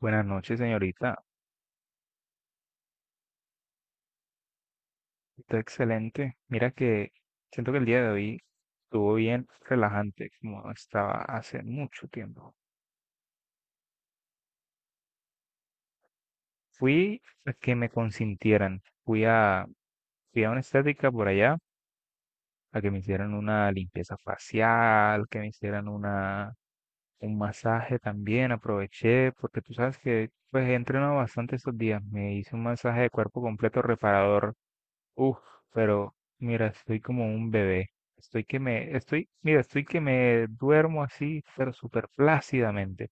Buenas noches, señorita. Está excelente. Mira que siento que el día de hoy estuvo bien relajante, como no estaba hace mucho tiempo. Fui a que me consintieran. Fui a una estética por allá, a que me hicieran una limpieza facial, que me hicieran un masaje también. Aproveché, porque tú sabes que pues he entrenado bastante estos días. Me hice un masaje de cuerpo completo reparador. Uf, pero mira, estoy como un bebé. Estoy que me, estoy, mira, estoy que me duermo así, pero súper plácidamente.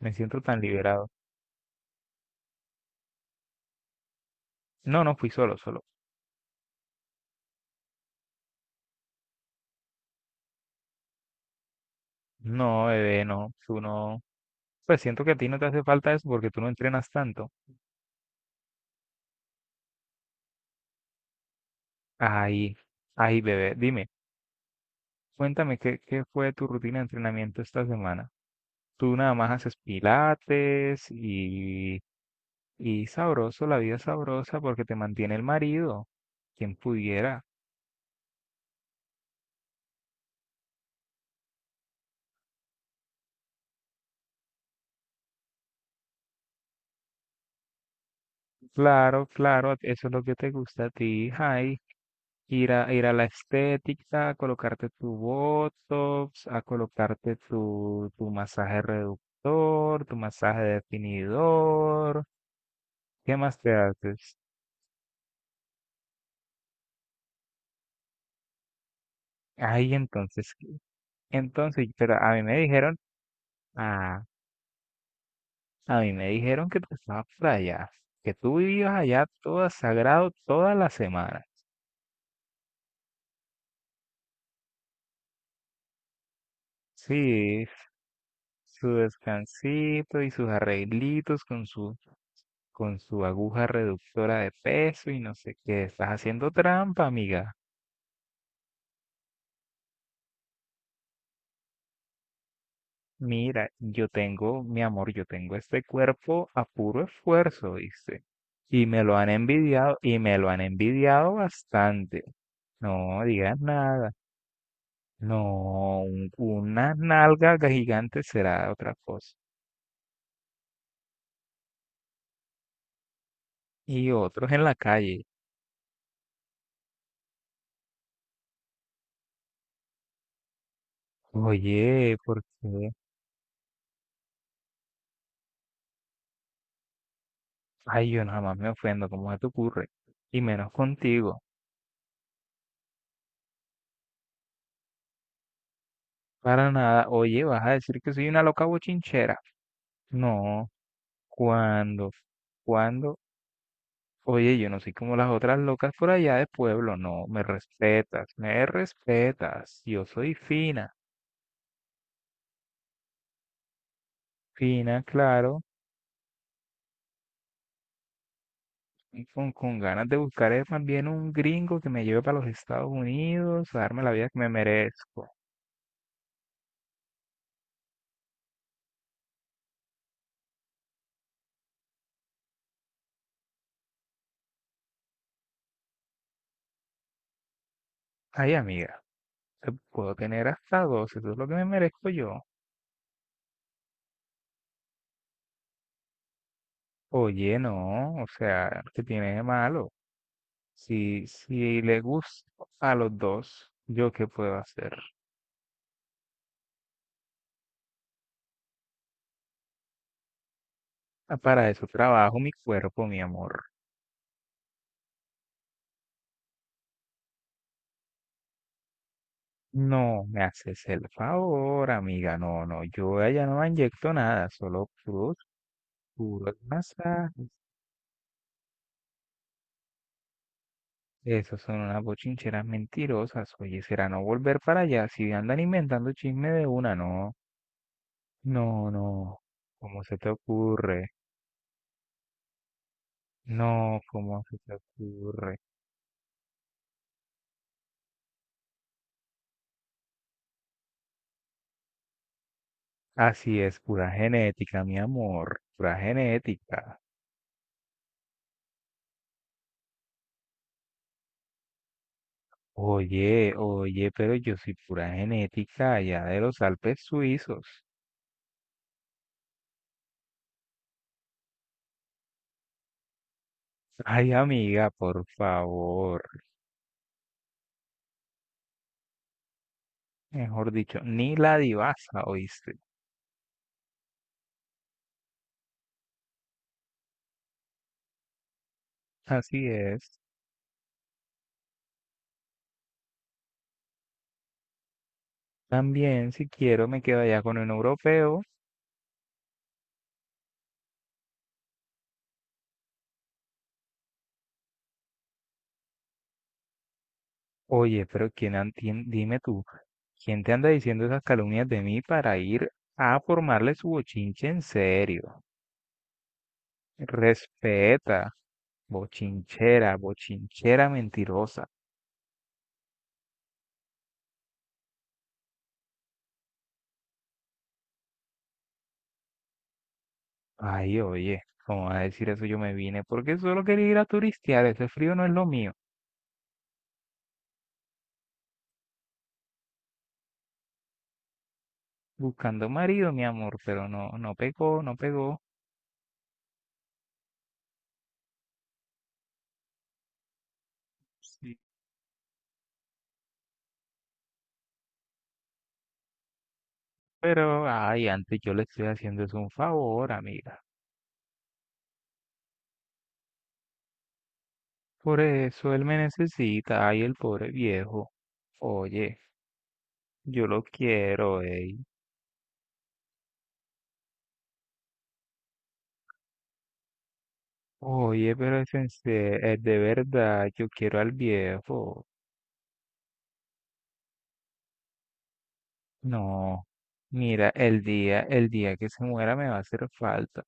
Me siento tan liberado. No, no fui solo, solo. No, bebé, no, tú no. Pues siento que a ti no te hace falta eso porque tú no entrenas tanto. Ay, ay, bebé, dime, cuéntame qué fue tu rutina de entrenamiento esta semana. Tú nada más haces pilates y sabroso, la vida es sabrosa porque te mantiene el marido. Quien pudiera. Claro, claro, eso es lo que te gusta a ti, Jai. Ir a la estética, a colocarte tu Botox, a colocarte tu masaje reductor, tu masaje definidor. ¿Qué más te haces? Ay, entonces, ¿qué? Entonces, pero a mí me dijeron, ah, a mí me dijeron que tú estabas por allá, que tú vivías allá todo sagrado toda la semana. Sí, su descansito y sus arreglitos con su aguja reductora de peso y no sé qué. Estás haciendo trampa, amiga. Mira, yo tengo, mi amor, yo tengo este cuerpo a puro esfuerzo, dice. Y me lo han envidiado, y me lo han envidiado bastante. No digas nada. No, una nalga gigante será otra cosa. Y otros en la calle. Oye, ¿por qué? Ay, yo nada más me ofendo, ¿cómo se te ocurre? Y menos contigo. Para nada. Oye, ¿vas a decir que soy una loca bochinchera? No, ¿cuándo? ¿Cuándo? Oye, yo no soy como las otras locas por allá de pueblo. No, me respetas, me respetas. Yo soy fina, fina, claro. Y con ganas de buscar más bien un gringo que me lleve para los Estados Unidos, a darme la vida que me merezco. Ay, amiga, te puedo tener hasta dos, eso es lo que me merezco yo. Oye, no, o sea, ¿qué tiene de malo? Si le gusta a los dos, ¿yo qué puedo hacer? Ah, para eso trabajo mi cuerpo, mi amor. No me haces el favor, amiga. No, no, yo allá no inyecto nada, solo puros masajes. Esos son unas bochincheras mentirosas. Oye, será no volver para allá si andan inventando chisme de una, no. No, no. ¿Cómo se te ocurre? No, ¿cómo se te ocurre? Así es, pura genética, mi amor, pura genética. Oye, pero yo soy pura genética allá de los Alpes suizos. Ay, amiga, por favor. Mejor dicho, ni la divasa, ¿oíste? Así es. También, si quiero, me quedo allá con un europeo. Oye, pero dime tú, ¿quién te anda diciendo esas calumnias de mí para ir a formarle su bochinche en serio? Respeta. Bochinchera, bochinchera mentirosa. Ay, oye, ¿cómo vas a decir eso? Yo me vine porque solo quería ir a turistear. Ese frío no es lo mío. Buscando marido, mi amor, pero no, no pegó, no pegó. Sí, pero, ay, antes yo le estoy haciendo es un favor, amiga. Por eso él me necesita, ay, el pobre viejo. Oye, yo lo quiero, ey. Oye, pero es de verdad, yo quiero al viejo. No, mira, el día que se muera me va a hacer falta.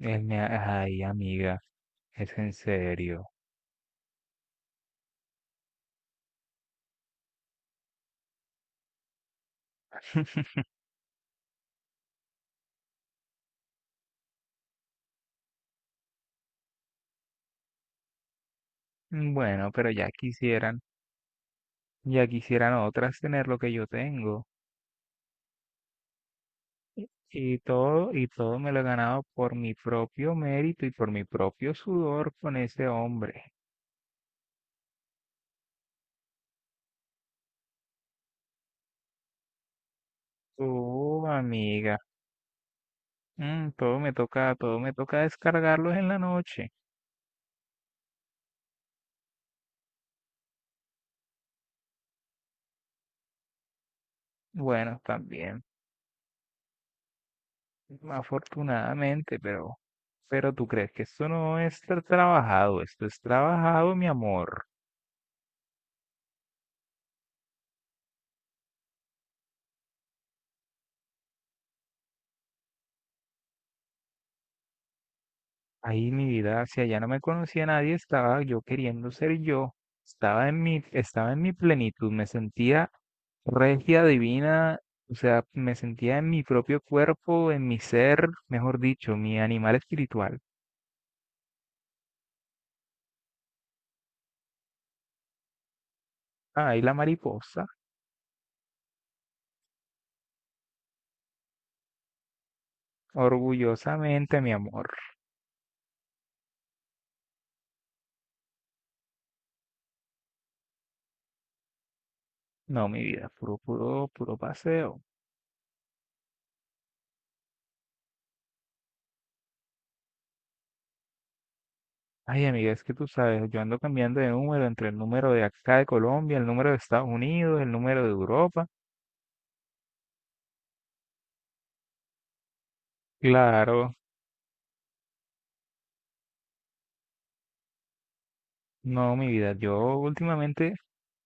Ay, amiga, es en serio. Bueno, pero ya quisieran otras tener lo que yo tengo. Y todo me lo he ganado por mi propio mérito y por mi propio sudor con ese hombre. Oh, amiga, todo me toca descargarlos en la noche. Bueno, también. Afortunadamente, pero tú crees que esto no es trabajado, esto es trabajado, mi amor. Ahí mi vida, si allá no me conocía nadie, estaba yo queriendo ser yo, estaba en mi plenitud, me sentía regia, divina, o sea, me sentía en mi propio cuerpo, en mi ser, mejor dicho, mi animal espiritual. Ahí la mariposa, orgullosamente, mi amor. No, mi vida, puro, puro, puro paseo. Ay, amiga, es que tú sabes, yo ando cambiando de número entre el número de acá de Colombia, el número de Estados Unidos, el número de Europa. Claro, no, mi vida, yo últimamente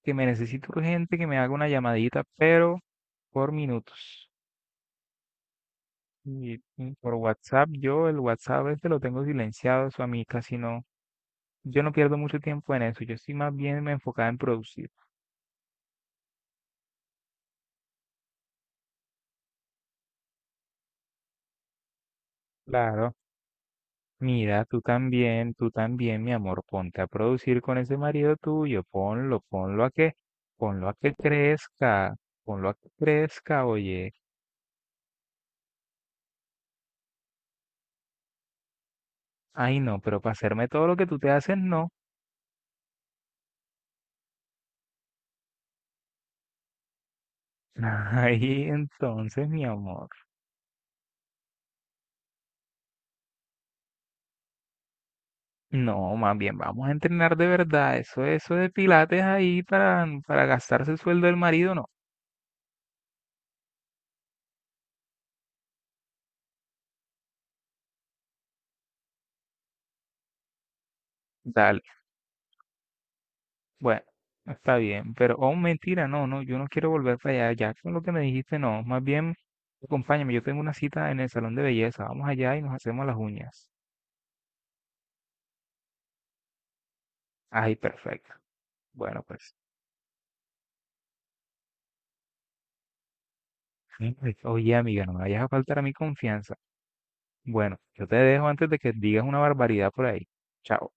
que me necesito urgente que me haga una llamadita, pero por minutos. Y por WhatsApp, yo el WhatsApp este lo tengo silenciado, eso a mí casi no. Yo no pierdo mucho tiempo en eso, yo estoy más bien me enfocada en producir. Claro. Mira, tú también, mi amor, ponte a producir con ese marido tuyo, ponlo, ponlo a que crezca, ponlo a que crezca, oye. Ay, no, pero para hacerme todo lo que tú te haces, no. Ay, entonces, mi amor. No, más bien, vamos a entrenar de verdad. Eso de pilates ahí para gastarse el sueldo del marido, no. Dale. Bueno, está bien, pero, oh, mentira, no, no, yo no quiero volver para allá, ya con lo que me dijiste, no, más bien, acompáñame, yo tengo una cita en el salón de belleza, vamos allá y nos hacemos las uñas. Ay, perfecto. Bueno, pues, ay, oye, amiga, no me vayas a faltar a mi confianza. Bueno, yo te dejo antes de que digas una barbaridad por ahí. Chao.